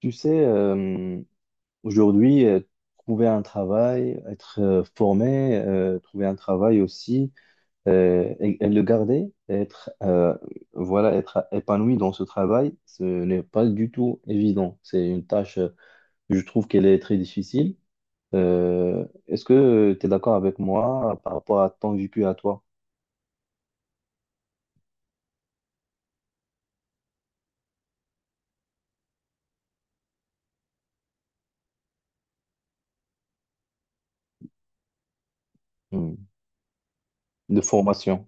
Tu sais, aujourd'hui, trouver un travail, être formé, trouver un travail aussi, et le garder, être, voilà, être épanoui dans ce travail, ce n'est pas du tout évident. C'est une tâche, je trouve qu'elle est très difficile. Est-ce que tu es d'accord avec moi par rapport à ton vécu à toi? Hmm. De formation?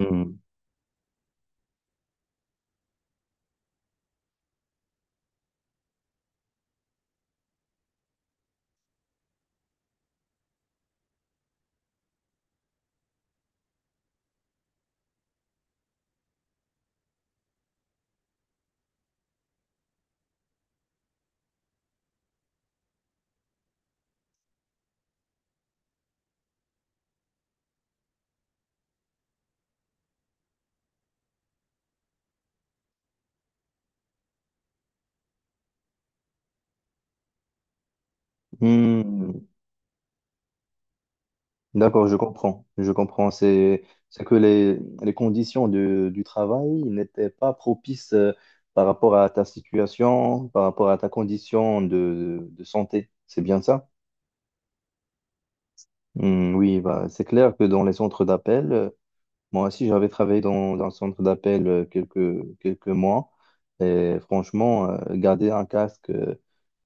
Hmm. Hmm. D'accord, je comprends. Je comprends. C'est que les conditions du travail n'étaient pas propices, par rapport à ta situation, par rapport à ta condition de santé. C'est bien ça? Hmm, oui, bah, c'est clair que dans les centres d'appel, moi aussi, j'avais travaillé dans un centre d'appel quelques mois. Et franchement, garder un casque,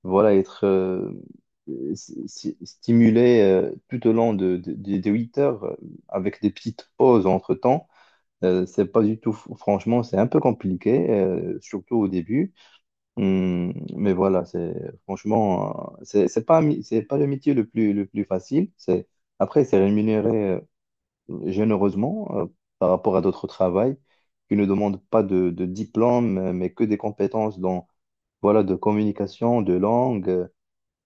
voilà, être stimulé tout au long de 8 heures, avec des petites pauses entre-temps. C'est pas du tout, franchement, c'est un peu compliqué, surtout au début. Mais voilà, c'est, franchement, c'est pas, c'est pas le métier le plus facile. C'est, après, c'est rémunéré généreusement, par rapport à d'autres travails qui ne demandent pas de diplôme, mais que des compétences dans, voilà, de communication, de langue,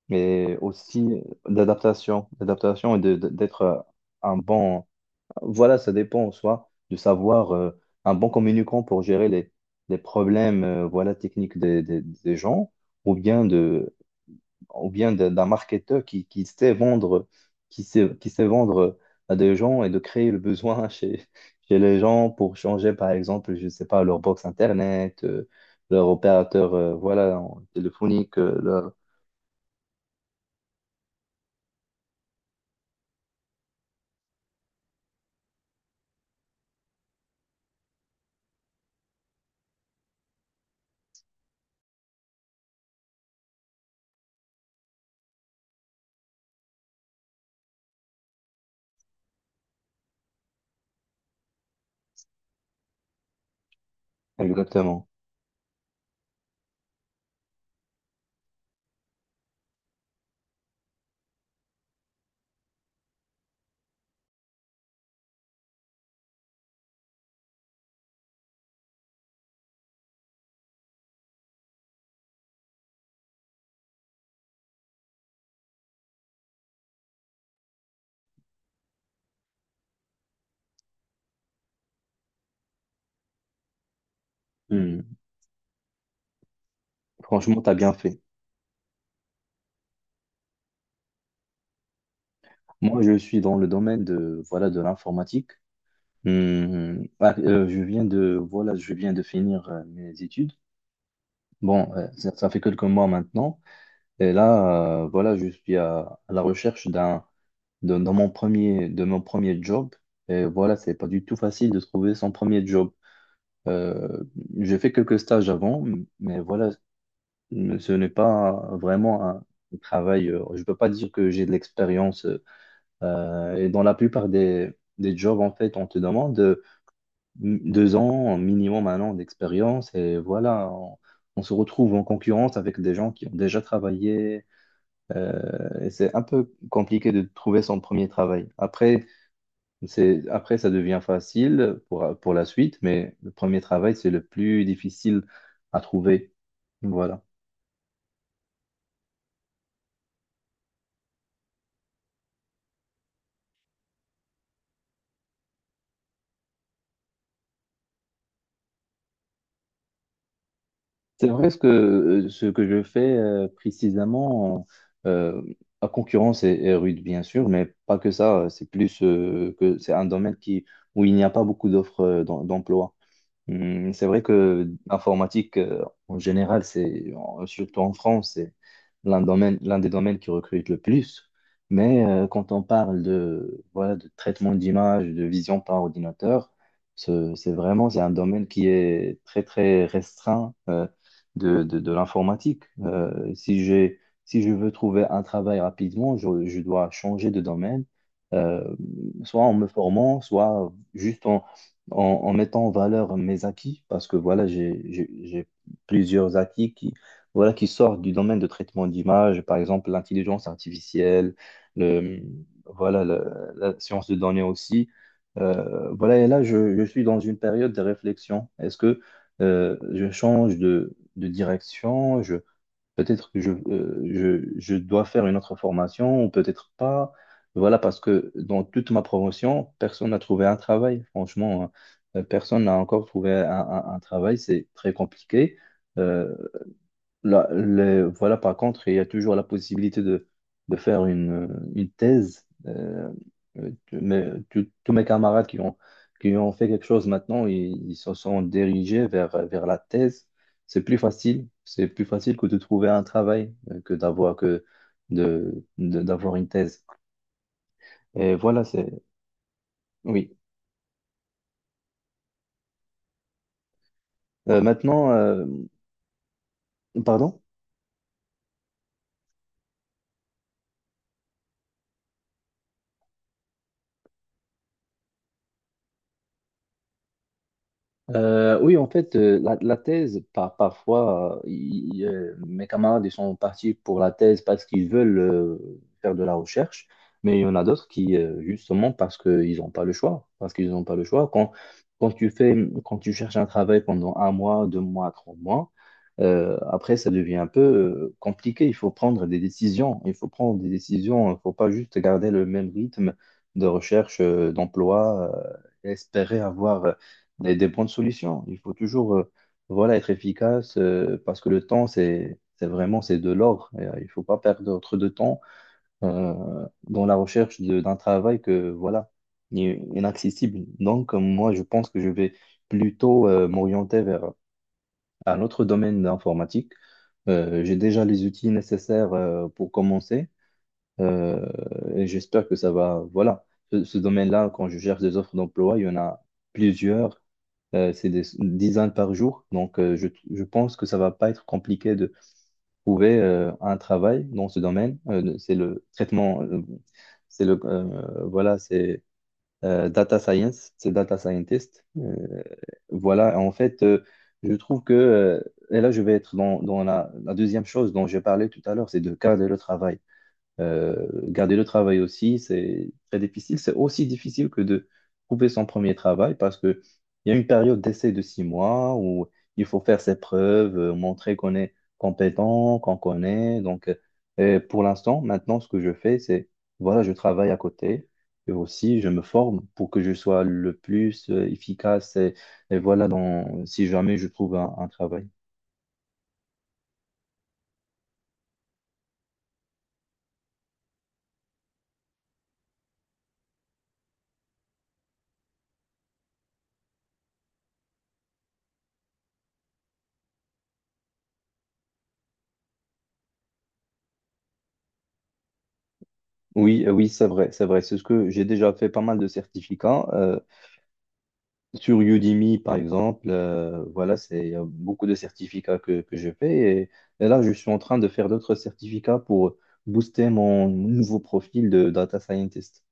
mais aussi d'adaptation, d'adaptation et d'être un bon, voilà, ça dépend en soi, de savoir, un bon communicant pour gérer les problèmes, voilà, techniques des gens, ou bien de, ou bien d'un marketeur qui sait vendre à des gens et de créer le besoin chez, chez les gens pour changer, par exemple, je ne sais pas, leur box Internet, leur opérateur, voilà, téléphonique, leur- Exactement. Hmm. Franchement, tu as bien fait. Moi, je suis dans le domaine de, voilà, de l'informatique. Hmm. Ah, je viens de, voilà, je viens de finir mes études. Bon, ça, ça fait quelques mois maintenant. Et là, voilà, je suis à la recherche d'un, de, dans mon premier, de mon premier job. Et voilà, c'est pas du tout facile de trouver son premier job. Euh, j'ai fait quelques stages avant, mais voilà, ce n'est pas vraiment un travail. Je peux pas dire que j'ai de l'expérience. Et dans la plupart des jobs, en fait, on te demande, 2 ans minimum, 1 an d'expérience. Et voilà, on se retrouve en concurrence avec des gens qui ont déjà travaillé, et c'est un peu compliqué de trouver son premier travail. Après, c'est, après, ça devient facile pour la suite, mais le premier travail, c'est le plus difficile à trouver. Voilà. C'est vrai ce que je fais, précisément, euh, à concurrence est, est rude, bien sûr, mais pas que ça. C'est plus, que c'est un domaine qui, où il n'y a pas beaucoup d'offres, d'emploi. Hmm. C'est vrai que l'informatique, en général, c'est surtout en France, c'est l'un domaine, l'un des domaines qui recrute le plus. Mais quand on parle de, voilà, de traitement d'image, de vision par ordinateur, c'est vraiment c'est un domaine qui est très très restreint, de l'informatique. Si je veux trouver un travail rapidement, je dois changer de domaine, euh, soit en me formant, soit juste en, en mettant en valeur mes acquis, parce que voilà, j'ai plusieurs acquis qui, voilà, qui sortent du domaine de traitement d'image, par exemple l'intelligence artificielle, le, voilà, la science de données aussi. Voilà, et là, je suis dans une période de réflexion. Est-ce que je change de direction? Peut-être que je dois faire une autre formation ou peut-être pas. Voilà, parce que dans toute ma promotion, personne n'a trouvé un travail. Franchement, hein. Personne n'a encore trouvé un, un travail. C'est très compliqué. Euh, Là, voilà, par contre, il y a toujours la possibilité de faire une thèse. Tous mes camarades qui ont fait quelque chose maintenant, ils se sont dirigés vers, vers la thèse. C'est plus facile. C'est plus facile que de trouver un travail, que d'avoir que de- d'avoir une thèse. Et voilà, c'est... Oui. Maintenant, pardon? Oui, en fait, la thèse, parfois, mes camarades ils sont partis pour la thèse parce qu'ils veulent faire de la recherche, mais il y en a d'autres qui, justement, parce qu'ils n'ont pas le choix, parce qu'ils n'ont pas le choix. Quand, quand tu fais, quand tu cherches un travail pendant 1 mois, 2 mois, 3 mois, après, ça devient un peu compliqué. Il faut prendre des décisions. Il faut prendre des décisions. Il ne faut pas juste garder le même rythme de recherche, d'emploi, et espérer avoir des bonnes solutions. Il faut toujours, voilà, être efficace, parce que le temps, c'est vraiment c'est de l'or. Et, il ne faut pas perdre trop de temps dans la recherche d'un travail que, voilà, est inaccessible. Donc, moi, je pense que je vais plutôt m'orienter vers un autre domaine informatique. J'ai déjà les outils nécessaires pour commencer. Euh, et j'espère que ça va. Voilà, ce domaine-là, quand je cherche des offres d'emploi, il y en a plusieurs. C'est des dizaines par jour. Donc, je pense que ça va pas être compliqué de trouver un travail dans ce domaine. C'est le traitement, c'est le, voilà, c'est data science, c'est data scientist. Voilà, en fait, je trouve que, et là, je vais être dans, dans la deuxième chose dont j'ai parlé tout à l'heure, c'est de cadrer le travail. Euh, garder le travail aussi, c'est très difficile. C'est aussi difficile que de trouver son premier travail parce que il y a une période d'essai de 6 mois où il faut faire ses preuves, montrer qu'on est compétent, qu'on connaît. Donc, pour l'instant, maintenant, ce que je fais, c'est, voilà, je travaille à côté. Et aussi, je me forme pour que je sois le plus efficace. Et voilà, dans, si jamais je trouve un travail. Oui, oui, c'est vrai, c'est vrai. C'est ce que j'ai déjà fait pas mal de certificats. Sur Udemy, par exemple, voilà, c'est, il y a beaucoup de certificats que je fais. Et là, je suis en train de faire d'autres certificats pour booster mon nouveau profil de data scientist.